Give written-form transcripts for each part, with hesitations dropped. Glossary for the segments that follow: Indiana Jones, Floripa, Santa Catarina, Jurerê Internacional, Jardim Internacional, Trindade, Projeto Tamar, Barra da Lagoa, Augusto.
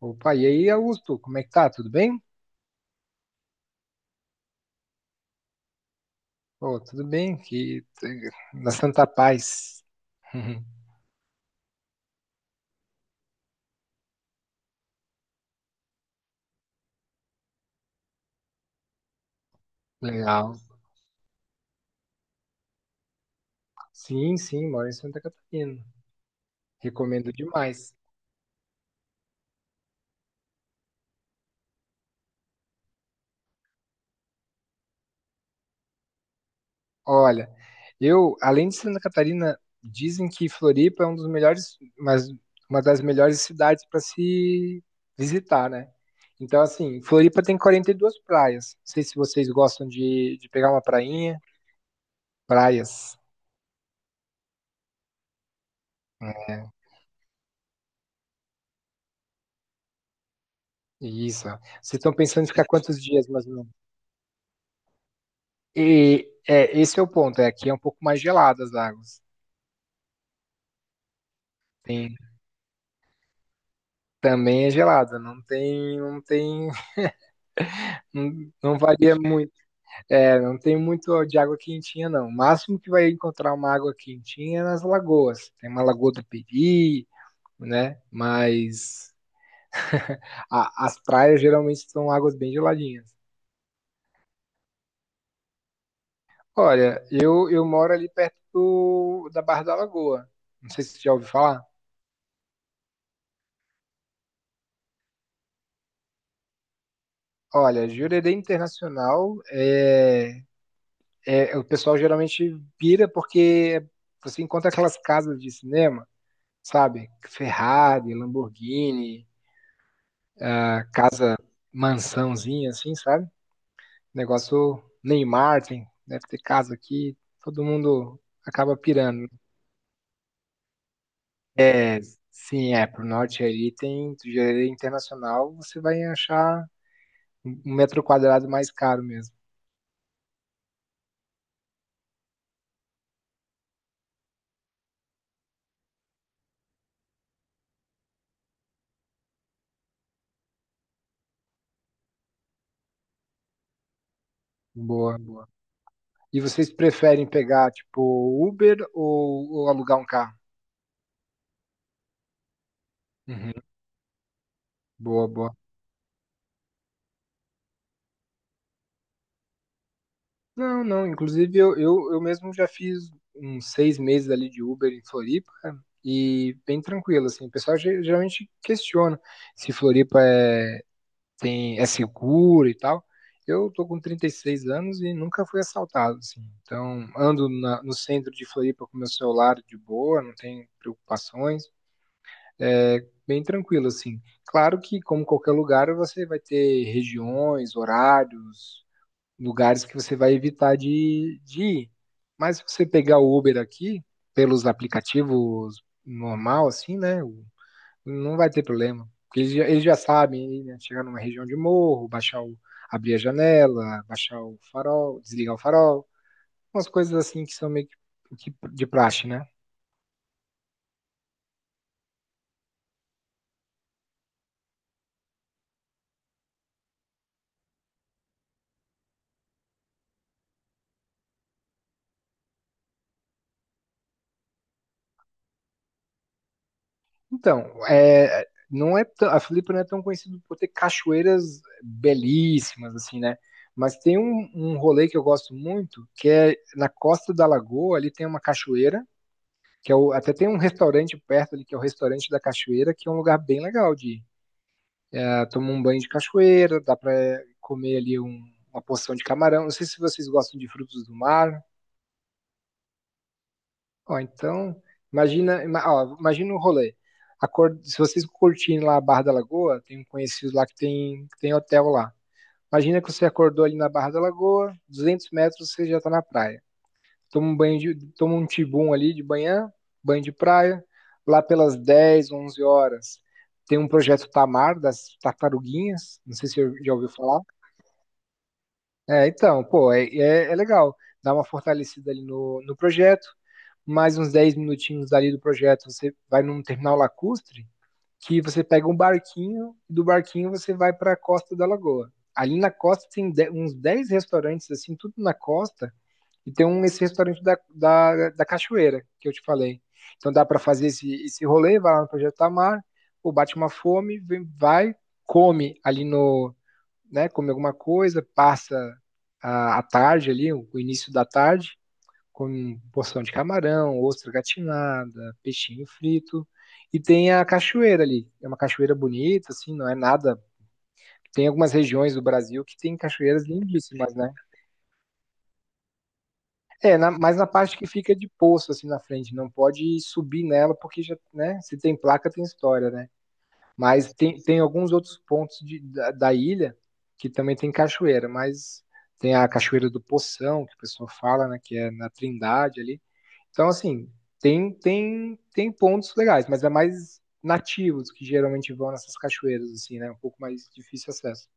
Opa, e aí, Augusto, como é que tá? Tudo bem? Pô, tudo bem, que na Santa Paz. Legal. Sim, sim, moro em Santa Catarina. Recomendo demais. Olha, eu, além de Santa Catarina, dizem que Floripa é um dos melhores, mas uma das melhores cidades para se visitar, né? Então, assim, Floripa tem 42 praias. Não sei se vocês gostam de pegar uma prainha. Praias. Né? Isso. Vocês estão pensando em ficar quantos dias, mas Esse é o ponto, é aqui é um pouco mais gelada as águas. Tem, também é gelada, não tem, não, não varia muito. É, não tem muito de água quentinha não. O máximo que vai encontrar uma água quentinha é nas lagoas. Tem uma lagoa do Peri, né? Mas as praias geralmente são águas bem geladinhas. Olha, eu moro ali perto da Barra da Lagoa. Não sei se você já ouviu falar. Olha, Jurerê Internacional é, o pessoal geralmente pira porque você encontra aquelas casas de cinema, sabe? Ferrari, Lamborghini, a casa mansãozinha, assim, sabe? Negócio Neymar, tem, deve ter casa aqui, todo mundo acaba pirando. É, sim, é, pro norte ali tem, do Jardim internacional, você vai achar um metro quadrado mais caro mesmo. Boa, boa. E vocês preferem pegar, tipo, Uber ou alugar um carro? Uhum. Boa, boa. Não, não. Inclusive, eu mesmo já fiz uns 6 meses ali de Uber em Floripa e bem tranquilo, assim. O pessoal geralmente questiona se Floripa é seguro e tal. Eu tô com 36 anos e nunca fui assaltado, assim. Então, ando no centro de Floripa com meu celular de boa, não tenho preocupações. É bem tranquilo, assim. Claro que, como qualquer lugar, você vai ter regiões, horários, lugares que você vai evitar de ir. Mas se você pegar o Uber aqui, pelos aplicativos normal, assim, né? Não vai ter problema. Porque eles já sabem, né? Chegar numa região de morro, baixar o, abrir a janela, baixar o farol, desligar o farol, umas coisas assim que são meio que de praxe, né? Então, é, não é a Floripa não é tão conhecida por ter cachoeiras belíssimas, assim, né? Mas tem um rolê que eu gosto muito, que é na costa da Lagoa, ali tem uma cachoeira, que é o, até tem um restaurante perto ali, que é o restaurante da cachoeira, que é um lugar bem legal de ir. É, tomar um banho de cachoeira, dá para comer ali uma porção de camarão. Não sei se vocês gostam de frutos do mar. Ó, então, imagina, ó, imagina o rolê. Se vocês curtirem lá a Barra da Lagoa, tem um conhecido lá que tem hotel lá. Imagina que você acordou ali na Barra da Lagoa, 200 metros você já está na praia. Toma um tibum ali de manhã, banho de praia. Lá pelas 10, 11 horas, tem um projeto Tamar das tartaruguinhas, não sei se você já ouviu falar. É, então, pô, é legal. Dá uma fortalecida ali no projeto mais uns 10 minutinhos ali do projeto, você vai num terminal lacustre, que você pega um barquinho, e do barquinho você vai para a costa da lagoa. Ali na costa tem uns 10 restaurantes, assim, tudo na costa, e tem um, esse restaurante da cachoeira, que eu te falei. Então dá para fazer esse rolê, vai lá no Projeto Tamar, ou bate uma fome, vem, vai, come ali no, né, come alguma coisa, passa a tarde ali, o início da tarde, com porção de camarão, ostra gatinada, peixinho frito. E tem a cachoeira ali. É uma cachoeira bonita, assim, não é nada. Tem algumas regiões do Brasil que tem cachoeiras lindíssimas, né? É, mas na parte que fica de poço, assim, na frente, não pode subir nela, porque já, né? Se tem placa, tem história, né? Mas tem alguns outros pontos da ilha que também tem cachoeira, mas tem a cachoeira do Poção, que o pessoal fala, né? Que é na Trindade ali. Então, assim, tem pontos legais, mas é mais nativos que geralmente vão nessas cachoeiras, assim, né? Um pouco mais difícil acesso.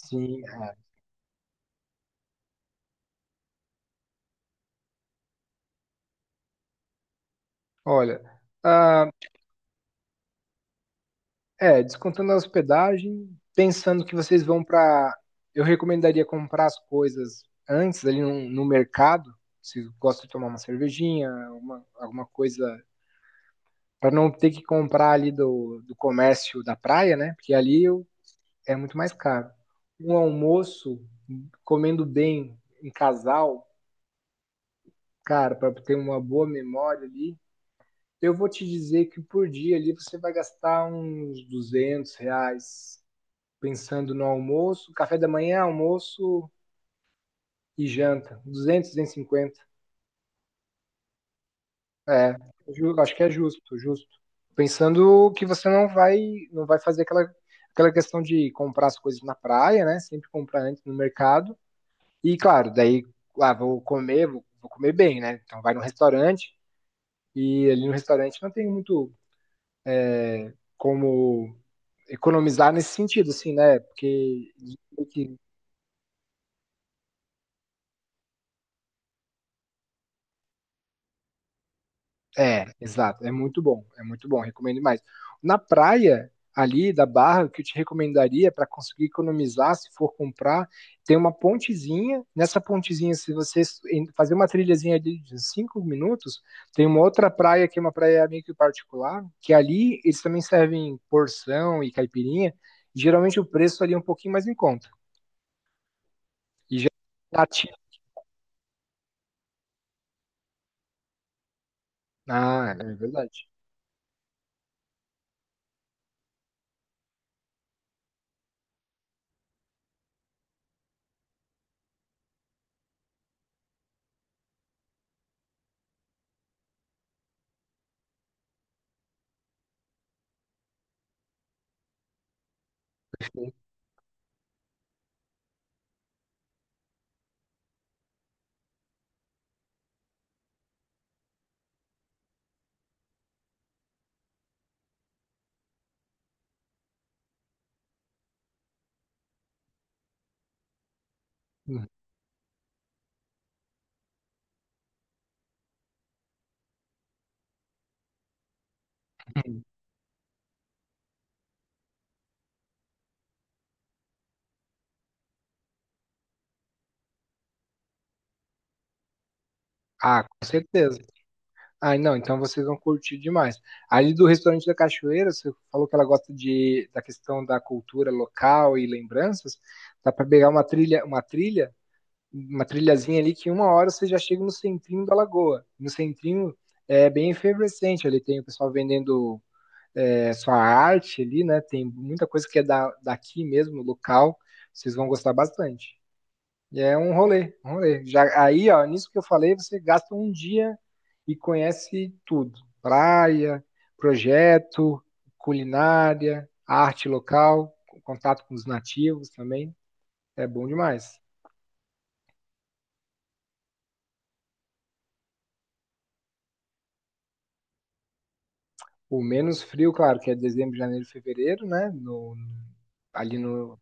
Sim, é. Olha, ah, descontando a hospedagem, pensando que vocês vão para. Eu recomendaria comprar as coisas antes ali no mercado, se gosta de tomar uma cervejinha, uma, alguma coisa, para não ter que comprar ali do comércio da praia, né? Porque ali o é muito mais caro. Um almoço, comendo bem em casal, cara, para ter uma boa memória ali, eu vou te dizer que por dia ali você vai gastar uns R$ 200, pensando no almoço, café da manhã, almoço e janta, 200, 250. É, acho que é justo, justo. Pensando que você não vai fazer aquela questão de comprar as coisas na praia, né? Sempre comprar antes no mercado. E claro, daí, ah, vou comer, vou comer bem, né? Então vai no restaurante e ali no restaurante não tem muito como economizar nesse sentido, assim, né? Porque é, exato. É muito bom. É muito bom. Recomendo mais. Na praia, ali da Barra, o que eu te recomendaria para conseguir economizar, se for comprar, tem uma pontezinha. Nessa pontezinha, se você fazer uma trilhazinha ali de 5 minutos, tem uma outra praia que é uma praia meio que particular, que ali eles também servem porção e caipirinha. Geralmente o preço ali é um pouquinho mais em conta. E já. Ah, é verdade. Uhum. Ah, com certeza. Ah, não, então vocês vão curtir demais. Ali do restaurante da Cachoeira, você falou que ela gosta da questão da cultura local e lembranças. Dá para pegar uma trilhazinha ali que uma hora você já chega no centrinho da lagoa. No centrinho é bem efervescente, ali tem o pessoal vendendo é, sua arte ali, né? Tem muita coisa que é daqui mesmo, local. Vocês vão gostar bastante. E é um rolê. Já, aí, ó, nisso que eu falei, você gasta um dia e conhece tudo: praia, projeto, culinária, arte local, contato com os nativos também. É bom demais. O menos frio, claro, que é dezembro, janeiro, fevereiro, né? No, ali no.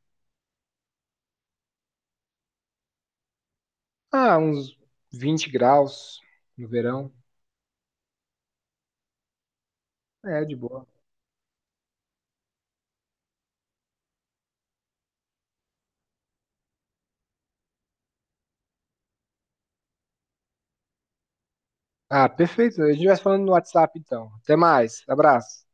Ah, uns 20 graus no verão. É, de boa. Ah, perfeito. A gente vai falando no WhatsApp então. Até mais. Abraço.